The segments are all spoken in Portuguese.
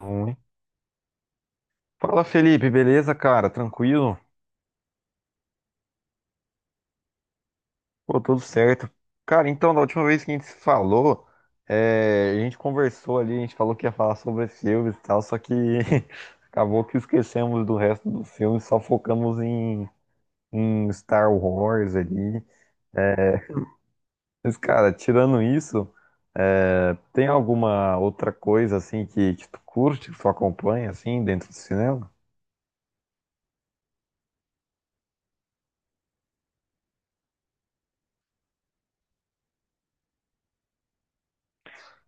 Ruim. Fala Felipe, beleza, cara? Tranquilo? Pô, tudo certo. Cara, então, da última vez que a gente se falou, a gente conversou ali, a gente falou que ia falar sobre filmes e tal, só que acabou que esquecemos do resto do filme, só focamos em Star Wars ali. É, Mas, cara, tirando isso, tem alguma outra coisa assim que tu curte, que tu acompanha assim dentro do cinema?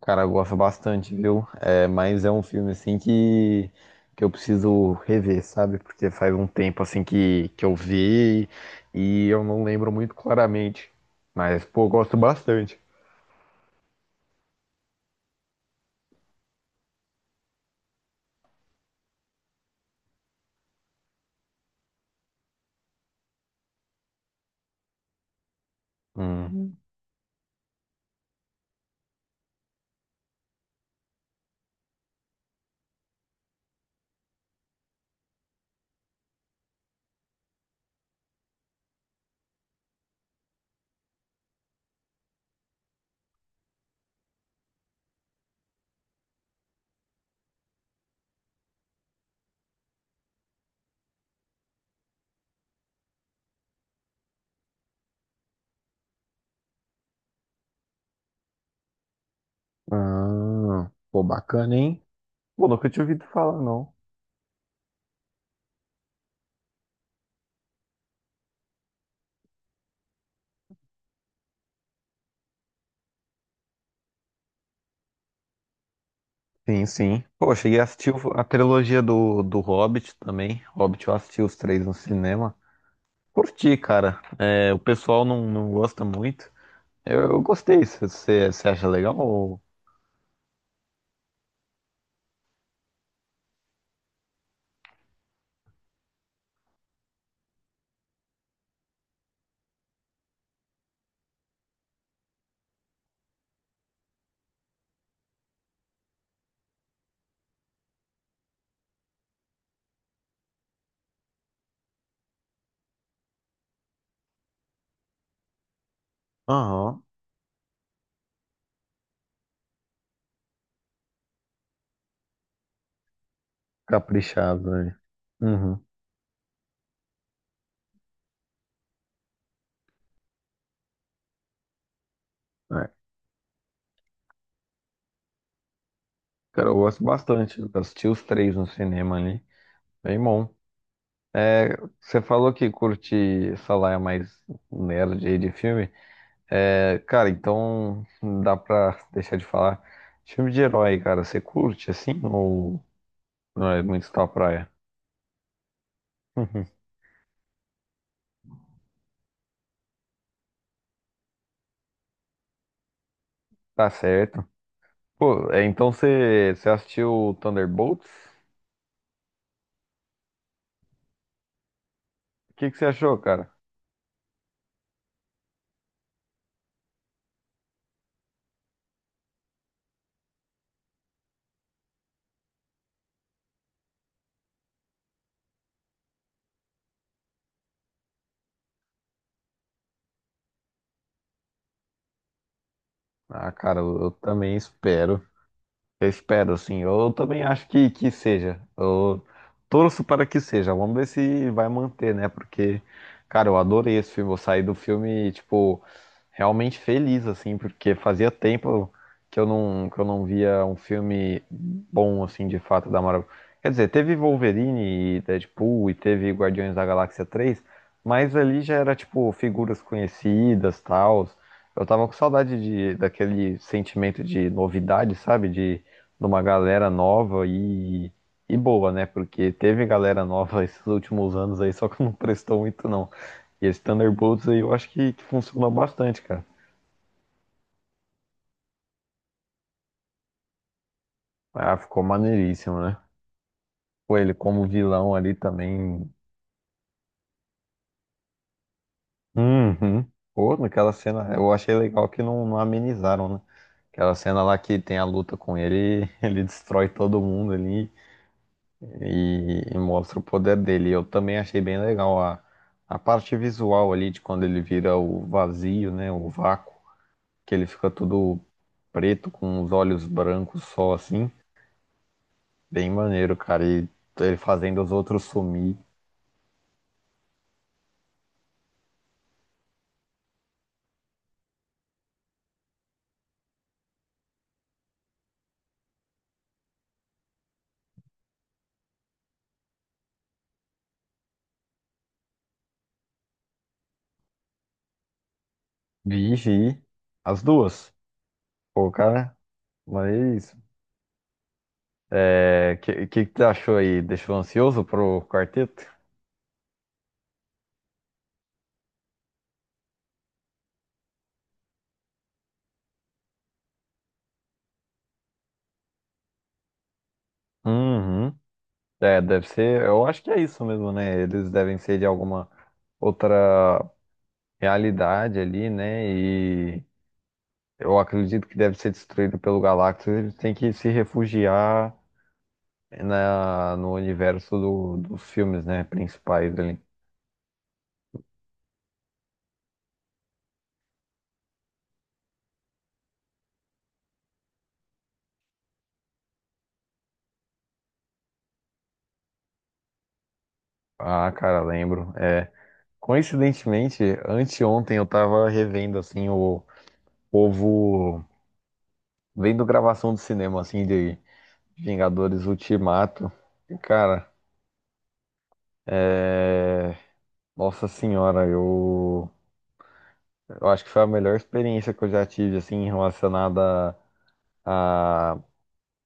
Cara, eu gosto bastante, viu? É, mas é um filme assim que eu preciso rever, sabe? Porque faz um tempo assim que eu vi e eu não lembro muito claramente. Mas, pô, eu gosto bastante. Hum. Ah, pô, bacana, hein? Pô, nunca tinha ouvido falar, não. Sim, sim. Pô, eu cheguei a assistir a trilogia do Hobbit também. Hobbit eu assisti os três no cinema. Curti, cara. É, o pessoal não gosta muito. Eu gostei. Você acha legal? Aham, caprichado, né? Uhum. É. Cara, eu gosto bastante. Eu assisti os três no cinema ali. Bem bom. É, você falou que curte essa laia mais nerd aí de filme. É, cara, então não dá pra deixar de falar. Filme de herói, cara, você curte assim? Ou não é muito sua praia? Uhum. Tá certo. Pô, é, então você assistiu Thunderbolts? O que que você achou, cara? Ah, cara, eu também espero. Eu espero, assim. Eu também acho que seja. Eu torço para que seja. Vamos ver se vai manter, né? Porque, cara, eu adorei esse filme. Eu saí do filme, tipo, realmente feliz, assim, porque fazia tempo que eu não via um filme bom, assim, de fato, da Marvel. Quer dizer, teve Wolverine e Deadpool e teve Guardiões da Galáxia 3, mas ali já era, tipo, figuras conhecidas, tal. Eu tava com saudade daquele sentimento de novidade, sabe? De uma galera nova e boa, né? Porque teve galera nova esses últimos anos aí, só que não prestou muito, não. E esse Thunderbolts aí eu acho que funciona bastante, cara. Ah, ficou maneiríssimo, né? Pô, ele como vilão ali também. Uhum. Pô, naquela cena, eu achei legal que não amenizaram, né? Aquela cena lá que tem a luta com ele, ele destrói todo mundo ali. E, e mostra o poder dele. Eu também achei bem legal a parte visual ali de quando ele vira o vazio, né? O vácuo, que ele fica todo preto com os olhos brancos só assim. Bem maneiro, cara. E ele fazendo os outros sumir. Vixe, as duas. Pô, cara, mas. É, que tu achou aí? Deixou ansioso pro quarteto? Uhum. É, deve ser. Eu acho que é isso mesmo, né? Eles devem ser de alguma outra realidade ali, né? E eu acredito que deve ser destruído pelo Galactus. Ele tem que se refugiar no universo dos filmes, né? Principais ali. Ah, cara, lembro. É, coincidentemente, anteontem eu tava revendo, assim, o povo vendo gravação do cinema, assim, de Vingadores Ultimato. E, cara, é... Nossa senhora, eu acho que foi a melhor experiência que eu já tive, assim, relacionada a,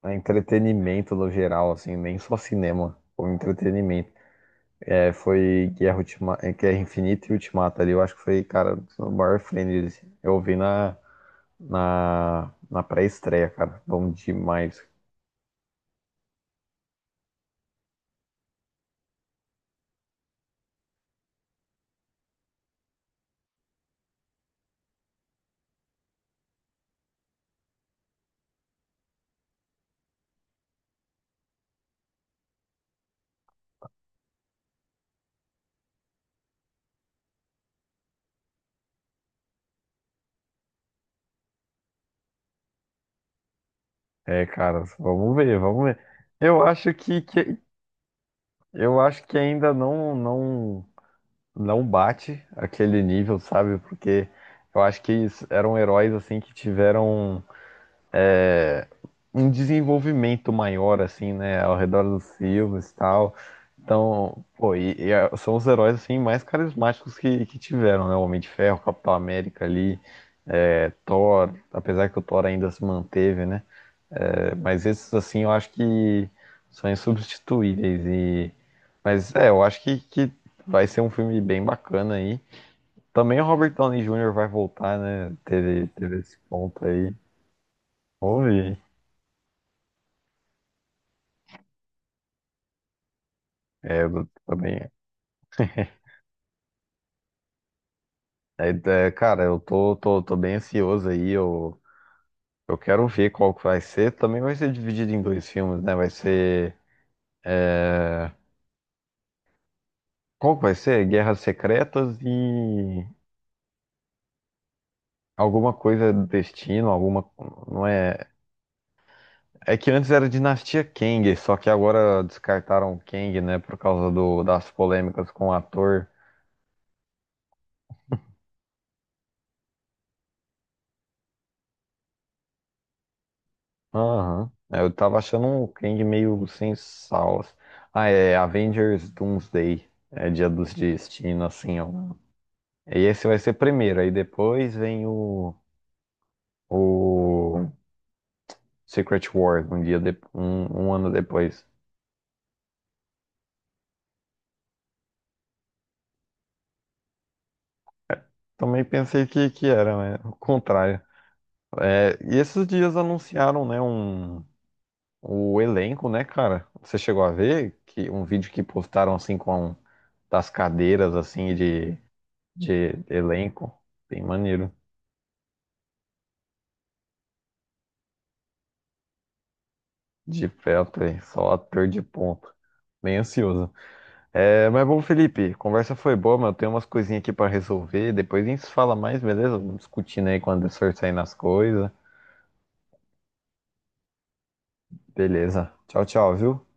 a entretenimento no geral, assim, nem só cinema, o entretenimento. É, foi Guerra Infinita e Ultimata ali, eu acho que foi, cara, o maior friend, assim. Eu vi na pré-estreia, cara, bom demais. É, cara, vamos ver, vamos ver. Eu acho que, que eu acho que ainda não bate aquele nível, sabe? Porque eu acho que eles eram heróis assim que tiveram é, um desenvolvimento maior, assim, né, ao redor dos filmes e tal. Então, pô, são os heróis, assim, mais carismáticos que tiveram, né? O Homem de Ferro, Capitão América ali, é, Thor, apesar que o Thor ainda se manteve, né? É, mas esses, assim, eu acho que são insubstituíveis e... Mas, é, eu acho que vai ser um filme bem bacana aí. Também o Robert Downey Jr. vai voltar, né? Teve esse ponto aí. Houve, é, eu também é, é, cara, tô bem ansioso aí. Eu quero ver qual que vai ser. Também vai ser dividido em dois filmes, né? Vai ser. É, qual que vai ser? Guerras Secretas e alguma coisa do destino, alguma. Não é. É que antes era Dinastia Kang, só que agora descartaram o Kang, né? Por causa do, das polêmicas com o ator. Aham. É, eu tava achando o Kang meio sem sal, assim. Ah, é Avengers Doomsday. É Dia dos Destinos, assim, ó. E esse vai ser primeiro, aí depois vem o Secret Wars, um um ano depois. Também pensei que era, né? O contrário. É, e esses dias anunciaram, né, um, o elenco, né, cara? Você chegou a ver que um vídeo que postaram assim com das cadeiras assim de elenco? Bem maneiro. De perto, hein? Só ator de ponta. Bem ansioso. É, mas bom, Felipe, conversa foi boa, mas eu tenho umas coisinhas aqui pra resolver. Depois a gente se fala mais, beleza? Vamos discutindo aí quando for saindo as coisas. Beleza. Tchau, tchau, viu?